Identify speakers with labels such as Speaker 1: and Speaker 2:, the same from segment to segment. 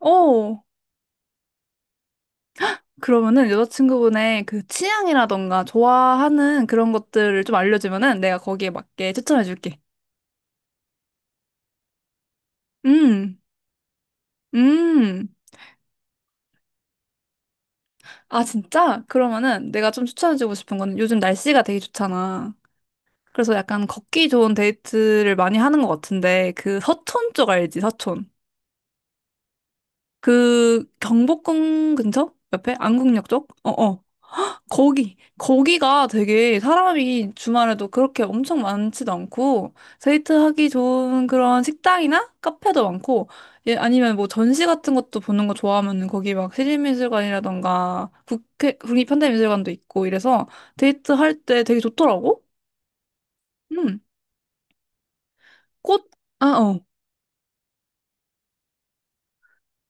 Speaker 1: 어, 그러면은 여자친구분의 그 취향이라던가 좋아하는 그런 것들을 좀 알려주면은 내가 거기에 맞게 추천해줄게. 음, 음. 아, 진짜? 그러면은 내가 좀 추천해주고 싶은 거는 요즘 날씨가 되게 좋잖아. 그래서 약간 걷기 좋은 데이트를 많이 하는 것 같은데 그 서촌 쪽 알지? 서촌. 그 경복궁 근처? 옆에? 안국역 쪽? 어어. 거기가 되게 사람이 주말에도 그렇게 엄청 많지도 않고, 데이트하기 좋은 그런 식당이나 카페도 많고, 예, 아니면 뭐 전시 같은 것도 보는 거 좋아하면 거기 막 시립미술관이라던가 국립현대미술관도 있고 이래서 데이트할 때 되게 좋더라고? 음, 꽃, 아, 어.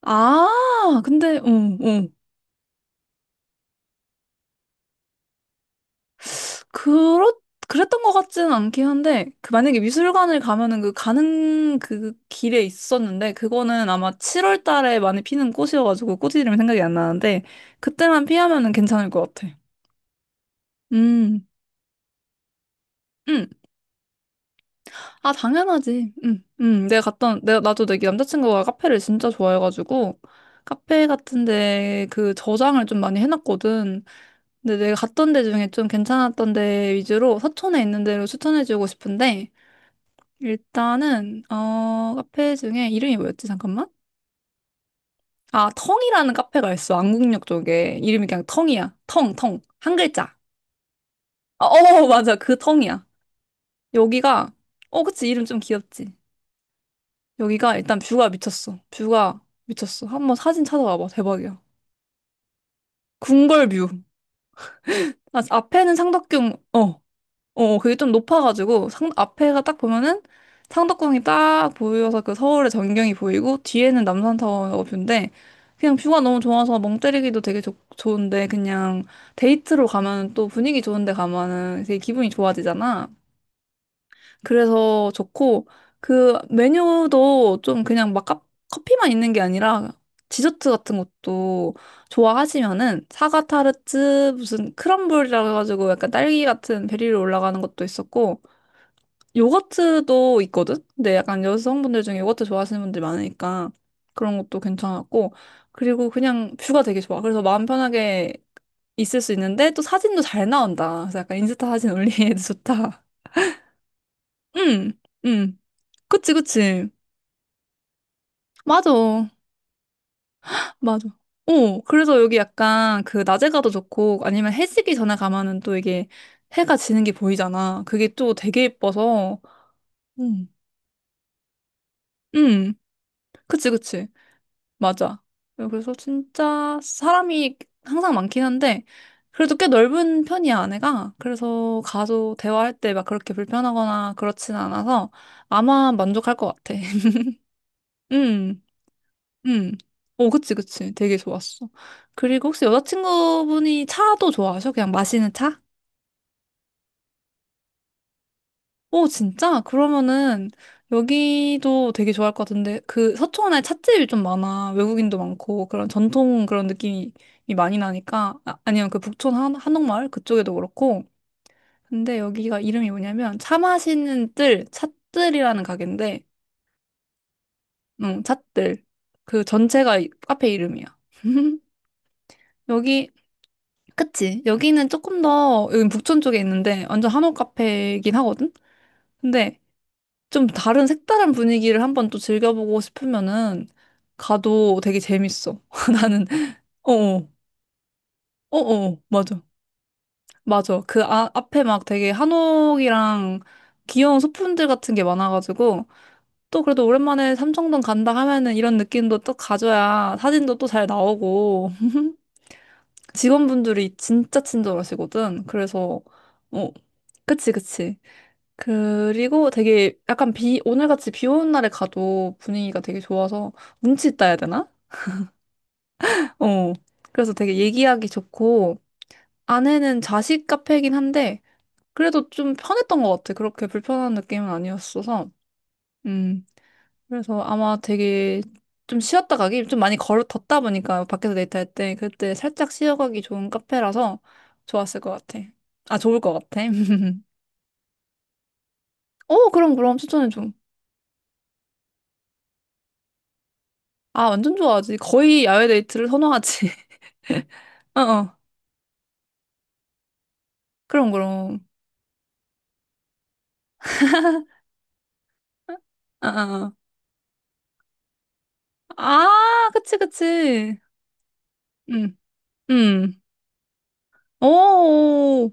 Speaker 1: 아, 근데, 어. 그렇, 그랬던 것 같지는 않긴 한데, 그 만약에 미술관을 가면은 그 가는 그 길에 있었는데, 그거는 아마 7월 달에 많이 피는 꽃이어가지고 꽃 이름이 생각이 안 나는데, 그때만 피하면은 괜찮을 것 같아. 음, 음. 아, 당연하지. 나도 내 남자친구가 카페를 진짜 좋아해가지고, 카페 같은데 그 저장을 좀 많이 해놨거든. 근데 내가 갔던 데 중에 좀 괜찮았던 데 위주로 서촌에 있는 데로 추천해주고 싶은데, 일단은 카페 중에 이름이 뭐였지? 잠깐만. 아 텅이라는 카페가 있어. 안국역 쪽에 이름이 그냥 텅이야. 텅, 텅. 한 글자. 어, 어 맞아. 그 텅이야. 여기가 그치 이름 좀 귀엽지. 여기가 일단 뷰가 미쳤어. 뷰가 미쳤어. 한번 사진 찾아봐봐. 대박이야. 궁궐뷰. 아, 앞에는 상덕궁. 어. 어, 그게 좀 높아가지고 상 앞에가 딱 보면은 상덕궁이 딱 보여서 그 서울의 전경이 보이고 뒤에는 남산타워 뷰인데 그냥 뷰가 너무 좋아서 멍 때리기도 되게 좋 좋은데 그냥 데이트로 가면 또 분위기 좋은데 가면은 되게 기분이 좋아지잖아. 그래서 좋고 그 메뉴도 좀 그냥 막 커피만 있는 게 아니라 디저트 같은 것도 좋아하시면은 사과 타르트 무슨 크럼블이라 해가지고 약간 딸기 같은 베리로 올라가는 것도 있었고 요거트도 있거든? 근데 약간 여성분들 중에 요거트 좋아하시는 분들 많으니까 그런 것도 괜찮았고. 그리고 그냥 뷰가 되게 좋아. 그래서 마음 편하게 있을 수 있는데 또 사진도 잘 나온다. 그래서 약간 인스타 사진 올리기에도 좋다. 응, 응. 그치, 그치. 맞아. 맞아. 어, 그래서 여기 약간 그 낮에 가도 좋고 아니면 해 지기 전에 가면은 또 이게 해가 지는 게 보이잖아. 그게 또 되게 예뻐서. 응, 응. 그치, 그치. 맞아. 그래서 진짜 사람이 항상 많긴 한데, 그래도 꽤 넓은 편이야, 아내가. 그래서 가서 대화할 때 막 그렇게 불편하거나 그렇진 않아서 아마 만족할 것 같아. 음, 음. 오, 그치, 그치. 되게 좋았어. 그리고 혹시 여자친구분이 차도 좋아하셔? 그냥 마시는 차? 오, 진짜? 그러면은 여기도 되게 좋아할 것 같은데 그 서초원에 찻집이 좀 많아. 외국인도 많고 그런 전통 그런 느낌이 많이 나니까 아, 아니면 그 북촌 한옥마을 그쪽에도 그렇고 근데 여기가 이름이 뭐냐면 차 마시는 뜰 찻뜰이라는 가게인데 응, 찻뜰 그 전체가 카페 이름이야. 여기 그치? 여기는 조금 더 여기 북촌 쪽에 있는데 완전 한옥 카페이긴 하거든? 근데 좀 다른 색다른 분위기를 한번 또 즐겨보고 싶으면은 가도 되게 재밌어. 나는 어어 어어 맞아 맞아 그 아, 앞에 막 되게 한옥이랑 귀여운 소품들 같은 게 많아가지고 또 그래도 오랜만에 삼청동 간다 하면은 이런 느낌도 또 가져야 사진도 또 잘 나오고 직원분들이 진짜 친절하시거든. 그래서 어 그치 그치 그리고 되게 약간 오늘같이 비 오는 날에 가도 분위기가 되게 좋아서 운치 있다 해야 되나? 어. 그래서 되게 얘기하기 좋고, 안에는 자식 카페이긴 한데, 그래도 좀 편했던 것 같아. 그렇게 불편한 느낌은 아니었어서. 음. 그래서 아마 되게 좀 쉬었다 가기, 좀 많이 걸어, 덥다 보니까 밖에서 데이트할 때, 그때 살짝 쉬어가기 좋은 카페라서 좋았을 것 같아. 아, 좋을 것 같아. 어, 그럼, 그럼 추천해줘. 아, 완전 좋아하지. 거의 야외 데이트를 선호하지. 어, 어. 그럼, 그럼. 어, 어. 어. 아, 아, 그치, 그치. 응, 응. 오,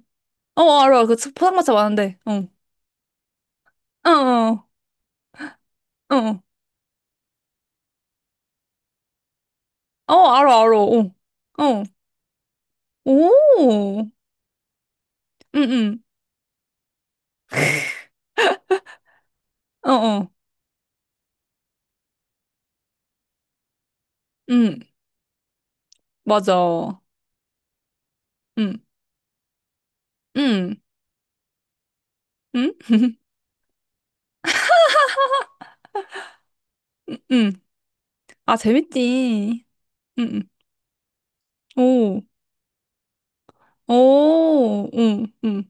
Speaker 1: 어, 알아. 그 포장마차 많은데. 어, 어, 어, 어. 어, 알아, 알아. 어, 어. 오, 응, 응. 어, 어. 응, 맞아. 응, 응, 응, 응. 응. 아, 재밌지. 응, 응. 오, 오, 응, 응.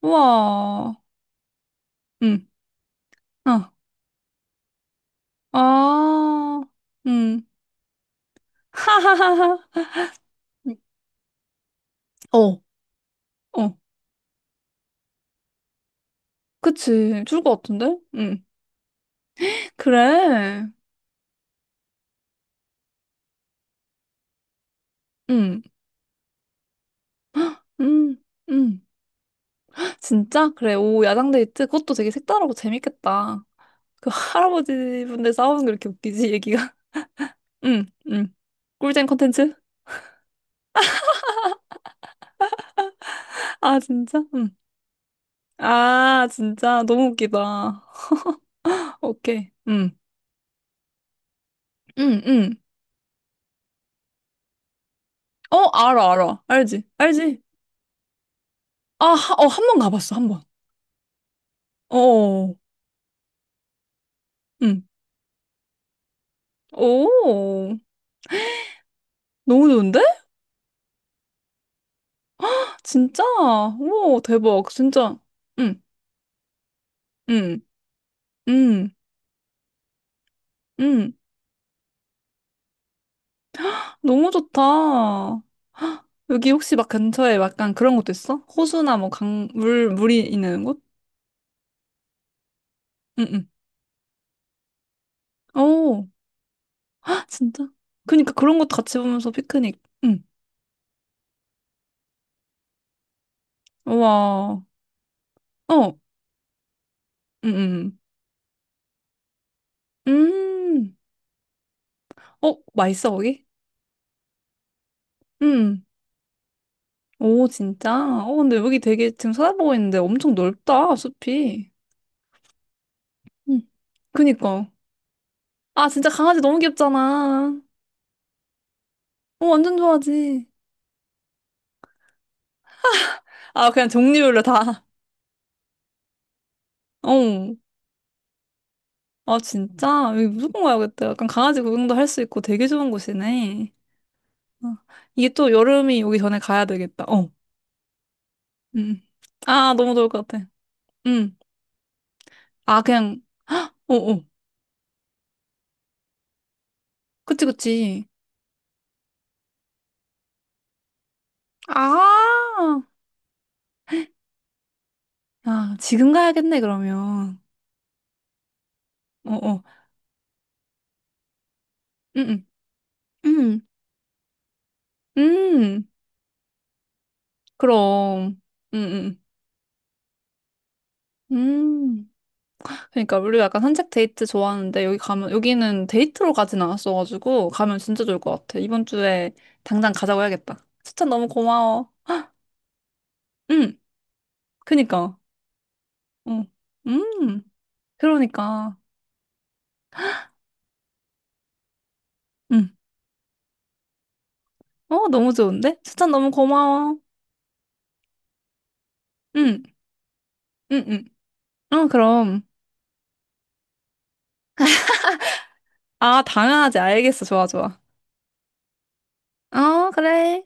Speaker 1: 우와. 응, 어. 아, 응. 하하하하. 어. 어, 그치. 좋을 것 같은데? 응. 그래. 응, 응, 응. 진짜? 그래. 오, 야당 데이트? 그것도 되게 색다르고 재밌겠다. 그 할아버지 분들 싸우는 거 이렇게 웃기지, 얘기가? 응, 응. 꿀잼 콘텐츠? 아, 진짜? 응. 아, 진짜. 너무 웃기다. 오케이. 응, 응, 응. 어, 알아, 알아. 알지, 알지. 아, 어, 한 번 가봤어, 한 번. 어, 응. 오, 너무 좋은데? 진짜? 우와, 대박. 진짜. 응, 응, 응, 응. 너무 좋다. 여기 혹시 막 근처에 약간 그런 것도 있어? 호수나 뭐 강, 물, 물이 있는 곳? 응, 응. 오, 헉, 진짜? 그니까 그런 것도 같이 보면서 피크닉. 응. 우와. 어, 응, 응. 응. 음. 어, 맛있어, 거기? 응. 오, 진짜? 어, 근데 여기 되게 지금 찾아보고 있는데 엄청 넓다, 숲이. 응. 그니까. 아, 진짜 강아지 너무 귀엽잖아. 어, 완전 좋아하지. 아, 그냥 종류별로 다. 어. 아, 진짜? 여기 무조건 가야겠다. 약간 강아지 구경도 할 수 있고 되게 좋은 곳이네. 어. 이게 또 여름이 오기 전에 가야 되겠다. 어. 음. 음. 아, 너무 좋을 것 같아. 음. 아, 그냥, 어, 어. 그치, 그치. 아, 아, 지금 가야겠네, 그러면. 어, 어. 음, 음. 음, 음. 그럼. 음, 음. 음. 그러니까 우리가 약간 산책 데이트 좋아하는데 여기 가면 여기는 데이트로 가진 않았어가지고 가면 진짜 좋을 것 같아. 이번 주에 당장 가자고 해야겠다. 추천 너무 고마워. 응, 그니까. 응, 음, 그러니까. 응. 어, 너무 좋은데? 추천 너무 고마워. 응, 응, 응. 어, 그럼. 아, 당연하지. 알겠어. 좋아, 좋아. 어, 그래.